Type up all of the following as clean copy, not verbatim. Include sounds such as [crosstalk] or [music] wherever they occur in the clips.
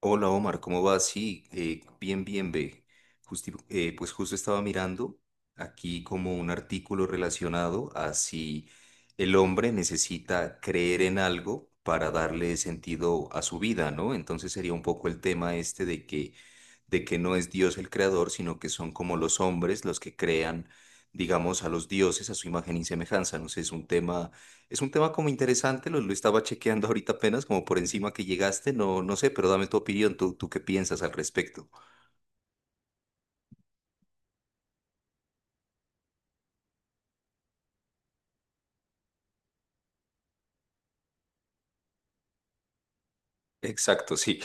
Hola Omar, ¿cómo vas? Sí, bien, bien, ve. Pues justo estaba mirando aquí como un artículo relacionado a si el hombre necesita creer en algo para darle sentido a su vida, ¿no? Entonces sería un poco el tema este de que no es Dios el creador, sino que son como los hombres los que crean, digamos, a los dioses a su imagen y semejanza. No sé, es un tema como interesante, lo estaba chequeando [laughs] ahorita apenas, como por encima que llegaste, no, no sé, pero dame tu opinión, tú qué piensas al respecto. Exacto, sí.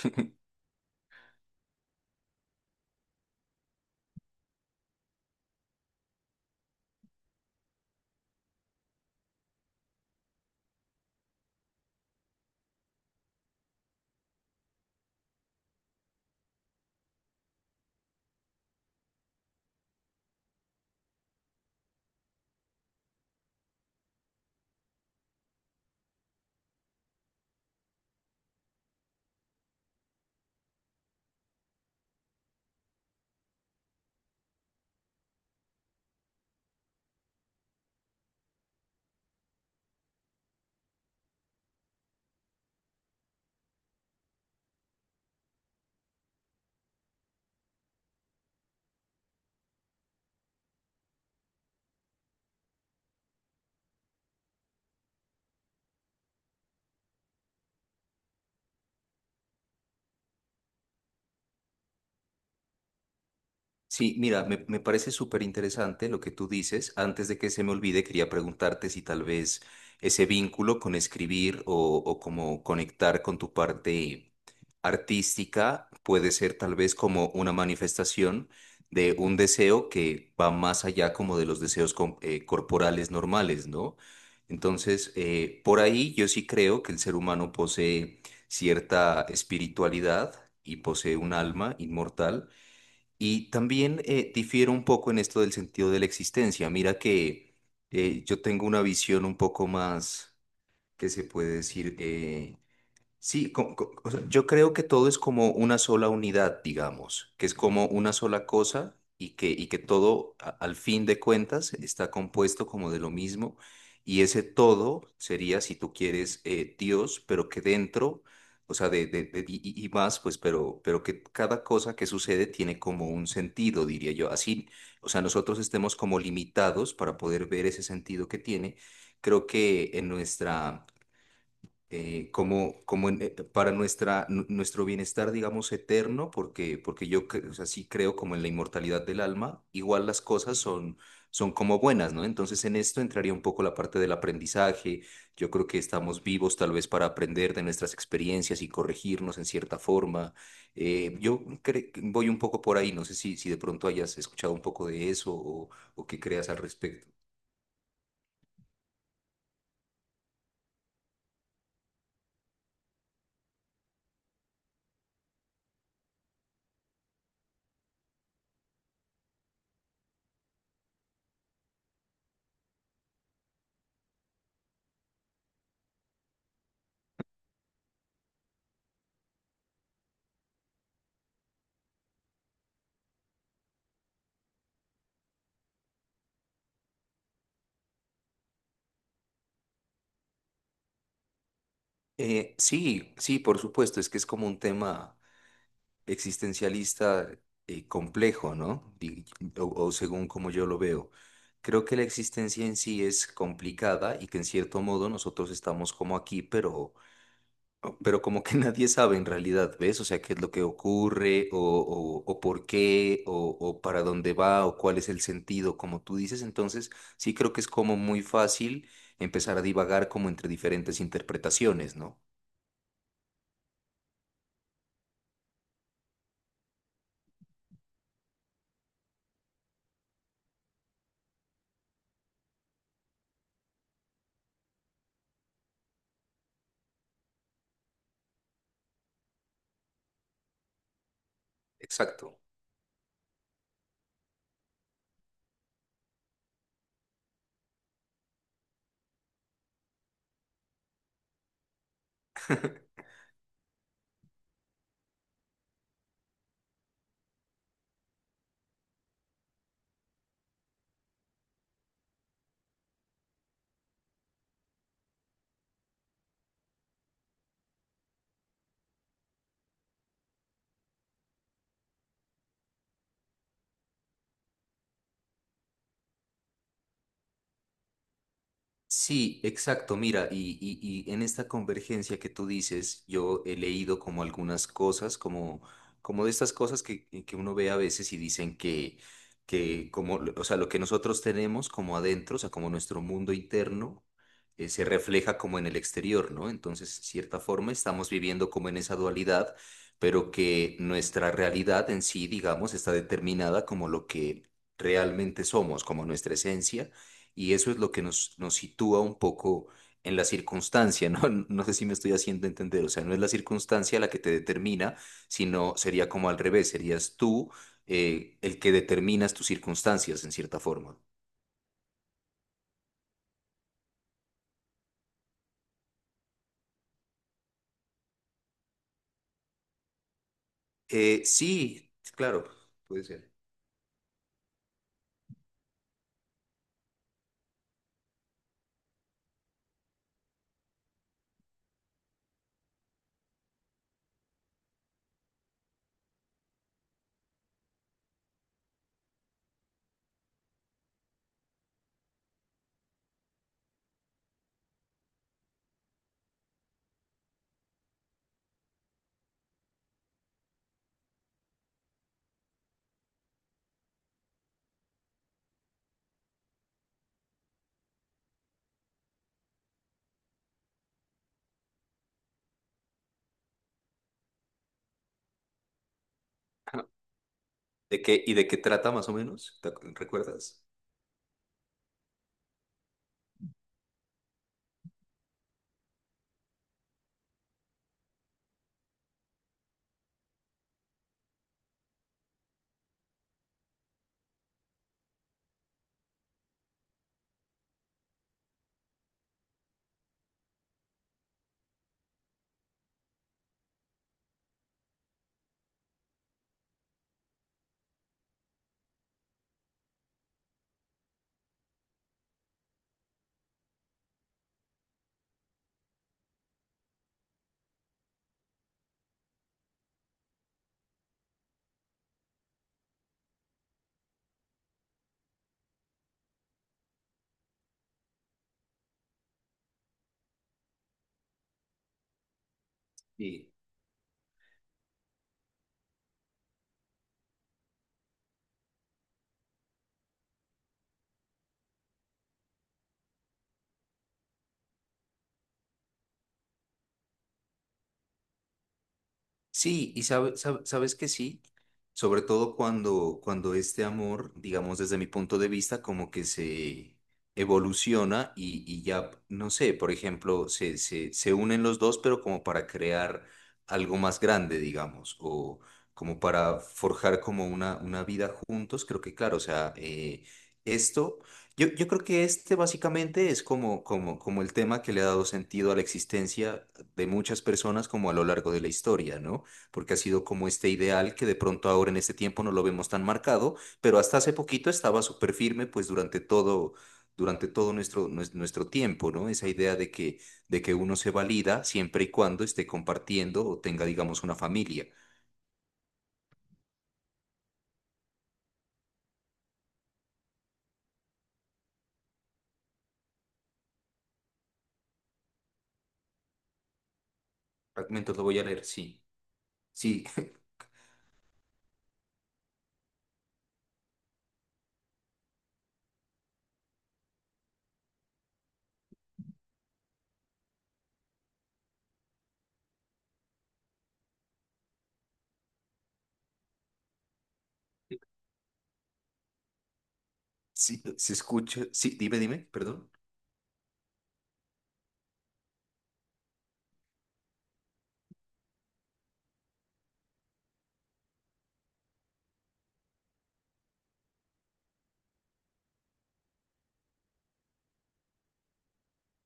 Sí, mira, me parece súper interesante lo que tú dices. Antes de que se me olvide, quería preguntarte si tal vez ese vínculo con escribir o como conectar con tu parte artística puede ser tal vez como una manifestación de un deseo que va más allá como de los deseos corporales normales, ¿no? Entonces, por ahí yo sí creo que el ser humano posee cierta espiritualidad y posee un alma inmortal y también difiero un poco en esto del sentido de la existencia. Mira que yo tengo una visión un poco más, que se puede decir? O sea, yo creo que todo es como una sola unidad, digamos, que es como una sola cosa y que todo, al fin de cuentas, está compuesto como de lo mismo. Y ese todo sería, si tú quieres, Dios, pero que dentro, o sea, y más, pues, pero que cada cosa que sucede tiene como un sentido, diría yo. Así, o sea, nosotros estemos como limitados para poder ver ese sentido que tiene. Creo que en nuestra para nuestro bienestar, digamos, eterno, porque o sea, sí creo como en la inmortalidad del alma, igual las cosas son, son como buenas, ¿no? Entonces en esto entraría un poco la parte del aprendizaje, yo creo que estamos vivos tal vez para aprender de nuestras experiencias y corregirnos en cierta forma. Voy un poco por ahí, no sé si, si de pronto hayas escuchado un poco de eso o qué creas al respecto. Sí, sí, por supuesto, es que es como un tema existencialista complejo, ¿no? O según como yo lo veo. Creo que la existencia en sí es complicada y que en cierto modo nosotros estamos como aquí, pero como que [laughs] nadie sabe en realidad, ¿ves? O sea, qué es lo que ocurre o por qué o para dónde va o cuál es el sentido, como tú dices. Entonces, sí creo que es como muy fácil empezar a divagar como entre diferentes interpretaciones, ¿no? Exacto. Sí, exacto. Mira, y en esta convergencia que tú dices, yo he leído como algunas cosas, como, como de estas cosas que uno ve a veces y dicen que como, o sea, lo que nosotros tenemos como adentro, o sea, como nuestro mundo interno, se refleja como en el exterior, ¿no? Entonces, de cierta forma, estamos viviendo como en esa dualidad, pero que nuestra realidad en sí, digamos, está determinada como lo que realmente somos, como nuestra esencia y eso es lo que nos sitúa un poco en la circunstancia, ¿no? [laughs] No sé si me estoy haciendo entender, o sea, no es la circunstancia la que te determina, sino sería como al revés, serías tú el que determinas tus circunstancias en cierta forma. Sí, claro, puede ser. ¿De qué, y de qué trata más o menos? ¿Recuerdas? Sí. Sí, y sabes que sí, sobre todo cuando, cuando este amor, digamos desde mi punto de vista, como que se evoluciona y ya, no sé, por ejemplo, se unen los dos, pero como para crear algo más grande, digamos, o como para forjar como una vida juntos, creo que claro, o sea, esto, yo creo que este básicamente es como, como, como el tema que le ha dado sentido a la existencia de muchas personas como a lo largo de la historia, ¿no? Porque ha sido como este ideal que de pronto ahora en este tiempo no lo vemos tan marcado, pero hasta hace poquito estaba súper firme pues durante todo nuestro tiempo, ¿no? Esa idea de que uno se valida siempre y cuando esté compartiendo o tenga, digamos, una familia. Fragmentos lo voy a leer, sí, sí, [laughs] sí, se escucha, sí, dime, dime, perdón.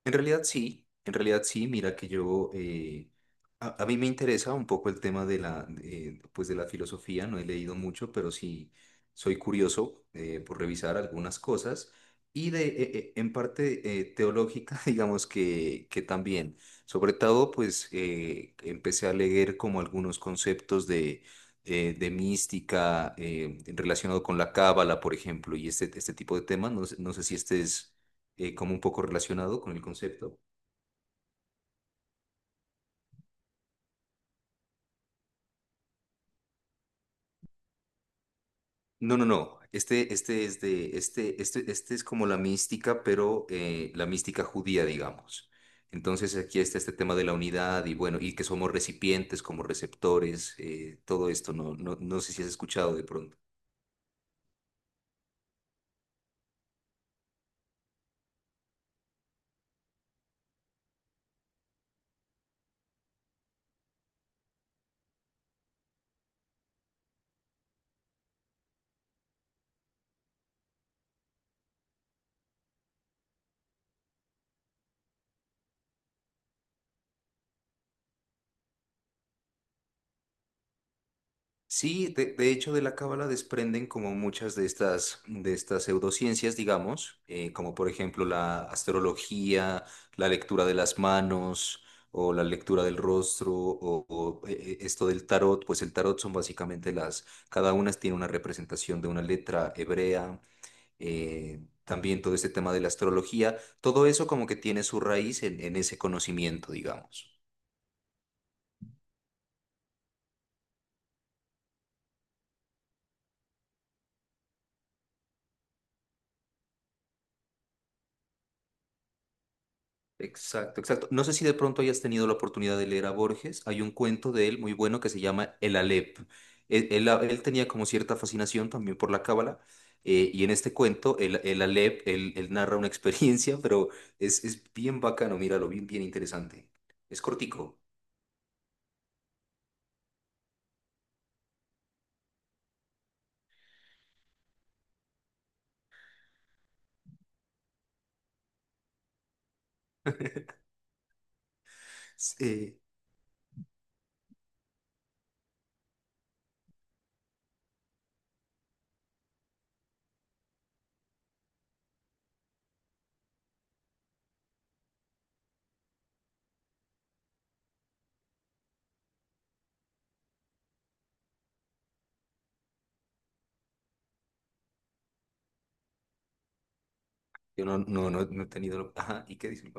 En realidad sí, mira que yo, a mí me interesa un poco el tema de la, pues de la filosofía, no he leído mucho, pero sí soy curioso por revisar algunas cosas y de, en parte teológica, [laughs] digamos que también. Sobre todo, pues empecé a leer como algunos conceptos de mística relacionado con la cábala, por ejemplo, y este tipo de temas, no sé si este es como un poco relacionado con el concepto. No, no, no. Este es de, este es como la mística, pero la mística judía, digamos. Entonces aquí está este tema de la unidad y bueno, y que somos recipientes como receptores, todo esto, no, no, no sé si has escuchado de pronto. Sí, de hecho de la cábala desprenden como muchas de estas pseudociencias, digamos, como por ejemplo la astrología, la lectura de las manos o la lectura del rostro o, esto del tarot, pues el tarot son básicamente las, cada una tiene una representación de una letra hebrea, también todo este tema de la astrología, todo eso como que tiene su raíz en ese conocimiento, digamos. Exacto, exacto. No sé si de pronto hayas tenido la oportunidad de leer a Borges. Hay un cuento de él muy bueno que se llama El Aleph. Él, él tenía como cierta fascinación también por la cábala. Y en este cuento, el Aleph, él narra una experiencia, [laughs] pero es bien bacano, míralo, bien, bien interesante. Es cortico. Eh, yo no, no, no, no he tenido... Ajá, ¿y qué dice?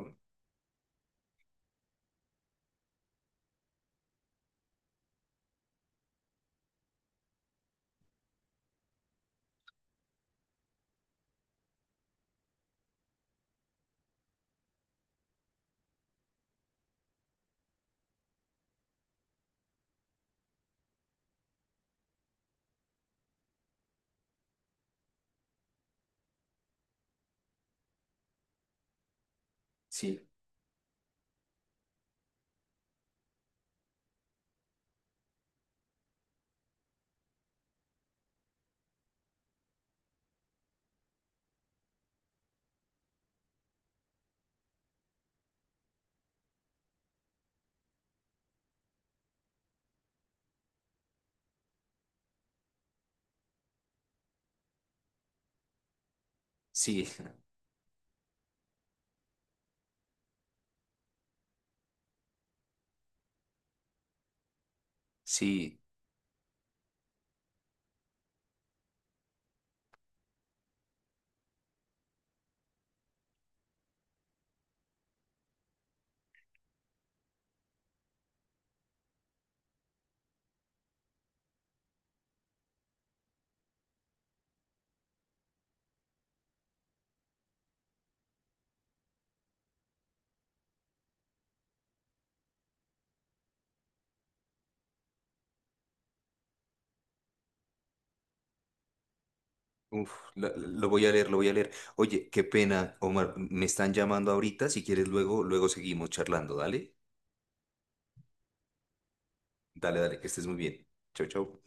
Sí, sí, [laughs] sí. Uf, lo voy a leer, lo voy a leer. Oye, qué pena, Omar, me están llamando ahorita. Si quieres, luego, luego seguimos charlando. Dale, dale, dale, que estés muy bien. Chau, chau.